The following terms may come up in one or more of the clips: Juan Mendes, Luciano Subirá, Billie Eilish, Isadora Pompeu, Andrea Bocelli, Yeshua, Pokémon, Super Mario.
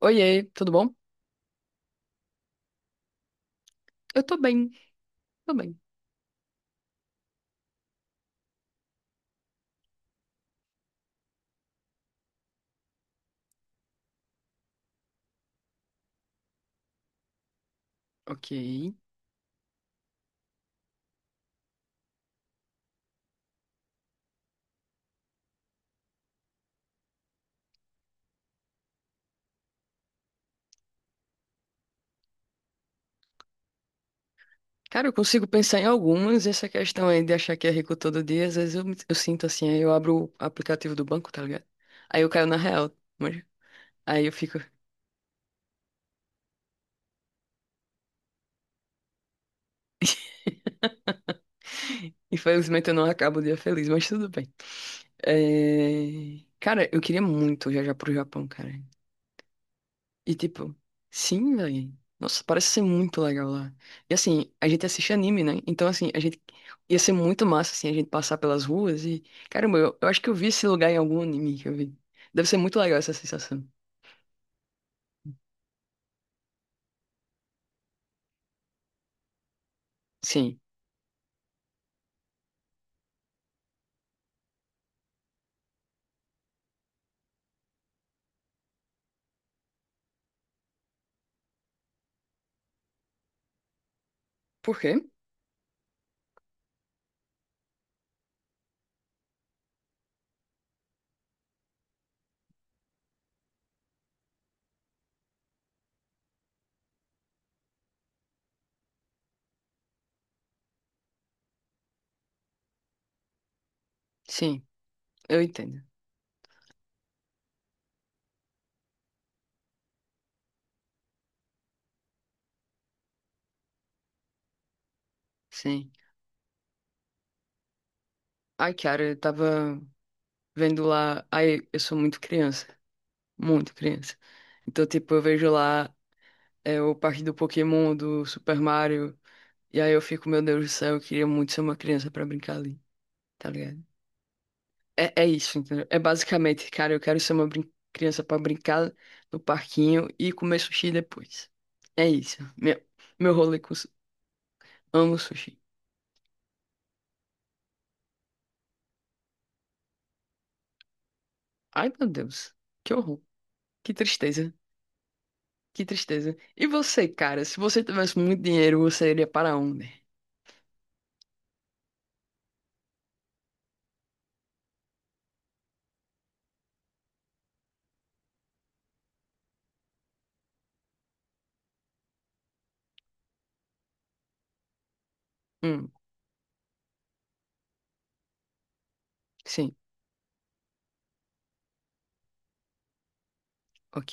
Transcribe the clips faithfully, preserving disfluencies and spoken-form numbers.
Oiê, tudo bom? Eu tô bem, tô bem. Ok. Cara, eu consigo pensar em algumas. Essa questão aí de achar que é rico todo dia, às vezes eu, me- eu sinto assim, aí eu abro o aplicativo do banco, tá ligado? Aí eu caio na real, mas aí eu fico. Infelizmente eu não acabo o dia feliz, mas tudo bem. É, cara, eu queria muito viajar pro Japão, cara. E tipo, sim, velho. Nossa, parece ser muito legal lá. E assim, a gente assiste anime, né? Então, assim, a gente ia ser muito massa, assim, a gente passar pelas ruas e. Caramba, eu, eu acho que eu vi esse lugar em algum anime que eu vi. Deve ser muito legal essa sensação. Sim. Por quê? Sim, eu entendo. Sim. Ai, cara, eu tava vendo lá. Ai, eu sou muito criança. Muito criança. Então, tipo, eu vejo lá é, o parque do Pokémon, do Super Mario. E aí eu fico, meu Deus do céu, eu queria muito ser uma criança pra brincar ali. Tá ligado? É, é isso, entendeu? É basicamente, cara, eu quero ser uma brin- criança pra brincar no parquinho e comer sushi depois. É isso. Meu, meu rolê com su- amo sushi. Ai, meu Deus. Que horror. Que tristeza. Que tristeza. E você, cara, se você tivesse muito dinheiro, você iria para onde? Hum, sim, ok.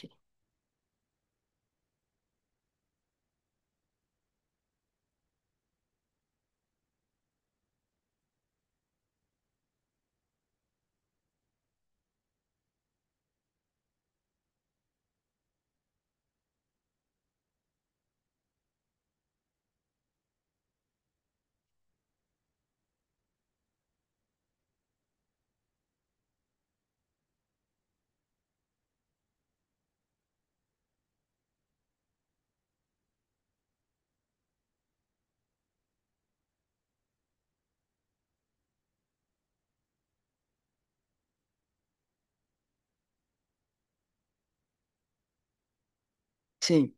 Sim.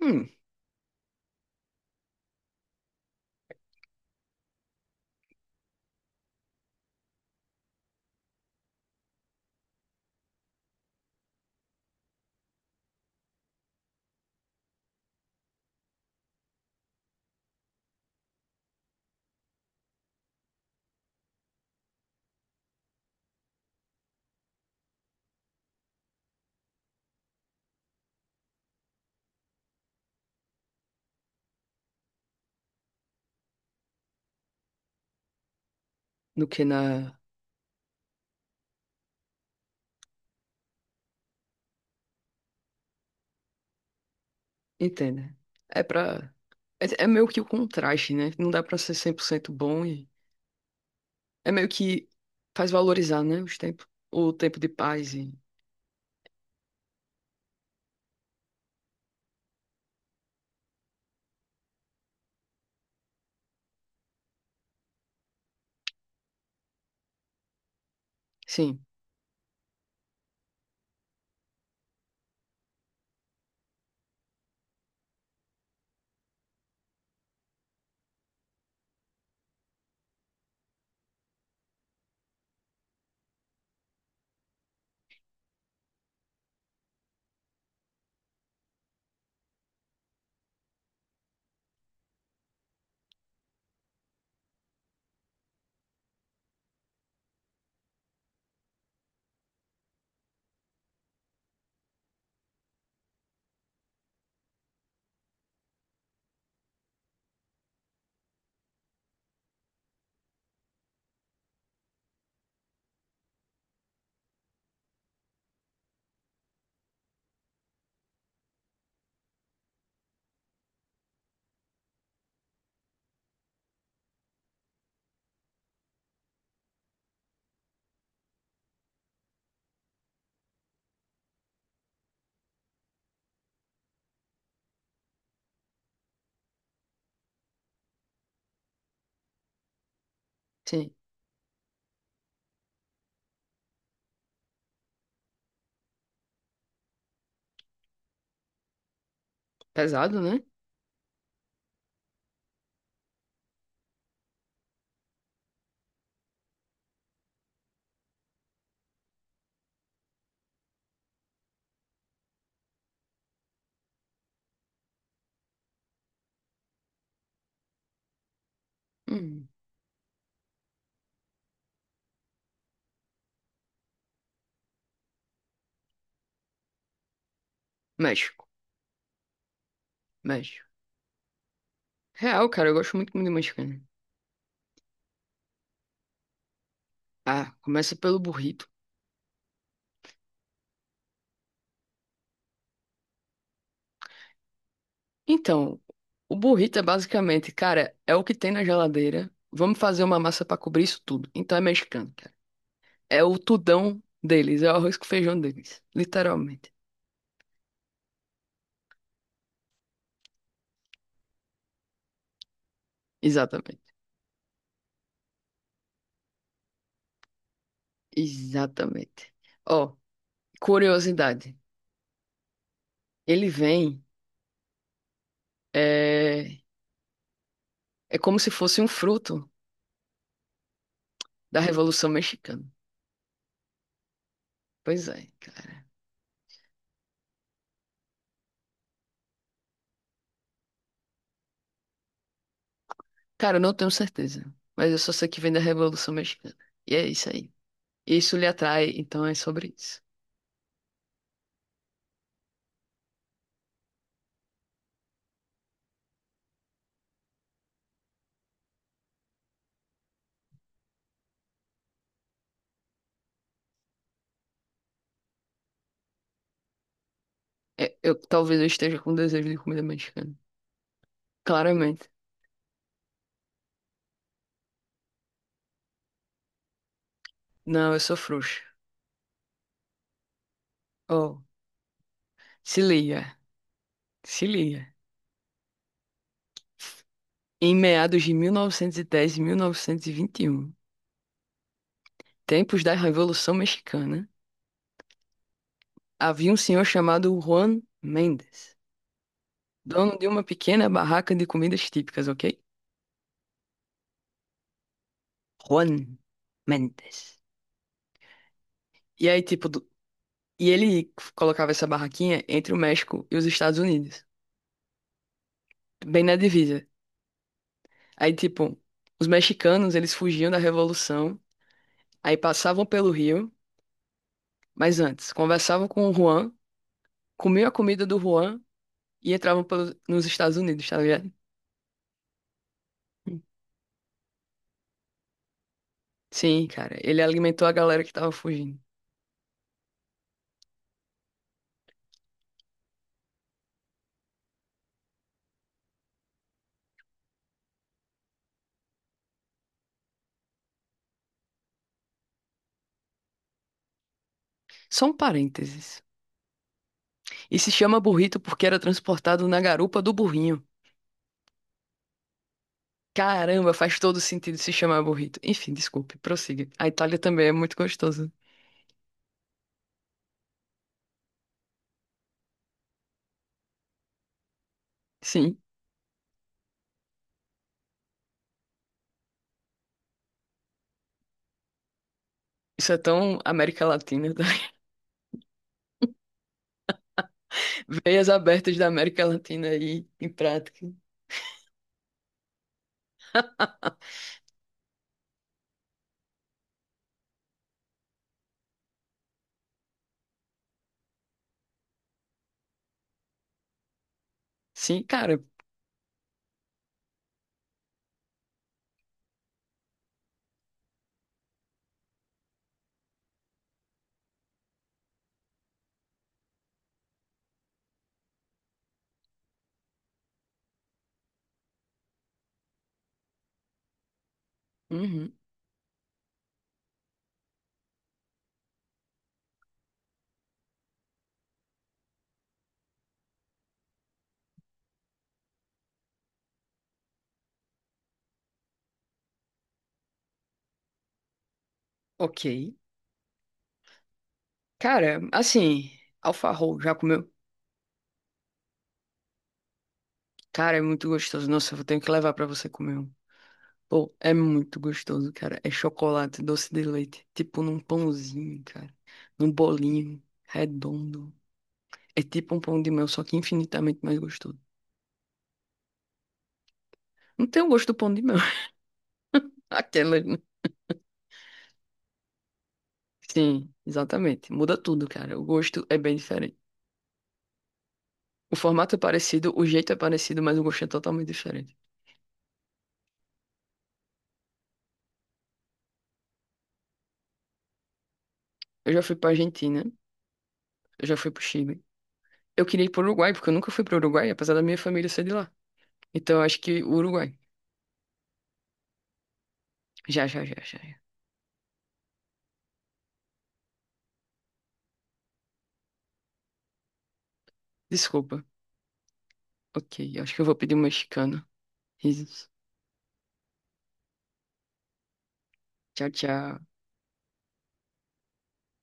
Hum, do que na. Entenda. É pra. É, é meio que o contraste, né? Não dá pra ser cem por cento bom e. É meio que faz valorizar, né, os tempos, o tempo de paz e... Sim, sim. Pesado, né? Hum. México, México. Real, cara, eu gosto muito muito de mexicano. Ah, começa pelo burrito. Então, o burrito é basicamente, cara, é o que tem na geladeira. Vamos fazer uma massa pra cobrir isso tudo. Então é mexicano, cara. É o tudão deles, é o arroz com feijão deles, literalmente. Exatamente. Exatamente. Ó, curiosidade. Ele vem eh, é como se fosse um fruto da Revolução Mexicana. Pois é, cara. Cara, eu não tenho certeza, mas eu só sei que vem da Revolução Mexicana. E é isso aí. Isso lhe atrai, então é sobre isso. É, eu talvez eu esteja com desejo de comida mexicana. Claramente. Não, eu sou frouxo. Oh, se liga, se liga. Em meados de mil novecentos e dez e mil novecentos e vinte e um, tempos da Revolução Mexicana, havia um senhor chamado Juan Mendes, dono de uma pequena barraca de comidas típicas, ok? Juan Mendes. E aí, tipo, do- e ele colocava essa barraquinha entre o México e os Estados Unidos, bem na divisa. Aí, tipo, os mexicanos, eles fugiam da Revolução, aí passavam pelo Rio, mas antes, conversavam com o Juan, comiam a comida do Juan e entravam pelos- nos Estados Unidos, tá ligado? Sim, cara, ele alimentou a galera que tava fugindo. Só um parênteses. E se chama burrito porque era transportado na garupa do burrinho. Caramba, faz todo sentido se chamar burrito. Enfim, desculpe, prossiga. A Itália também é muito gostosa. Sim, isso é tão América Latina. Tá? Veias abertas da América Latina aí em prática. Sim, cara. Uhum, ok. Cara, assim, alfarrol, já comeu? Cara, é muito gostoso. Nossa, eu tenho que levar pra você comer um. Pô, é muito gostoso, cara. É chocolate, doce de leite. Tipo num pãozinho, cara. Num bolinho redondo. É tipo um pão de mel, só que infinitamente mais gostoso. Não tem o gosto do pão de mel. Aquela. Né? Sim, exatamente. Muda tudo, cara. O gosto é bem diferente. O formato é parecido, o jeito é parecido, mas o gosto é totalmente diferente. Eu já fui pra Argentina, eu já fui pro Chile. Eu queria ir pro Uruguai, porque eu nunca fui pro Uruguai, apesar da minha família ser de lá. Então eu acho que o Uruguai. Já, já, já, já. já. Desculpa. Ok, eu acho que eu vou pedir um mexicano. Risos. Tchau, tchau.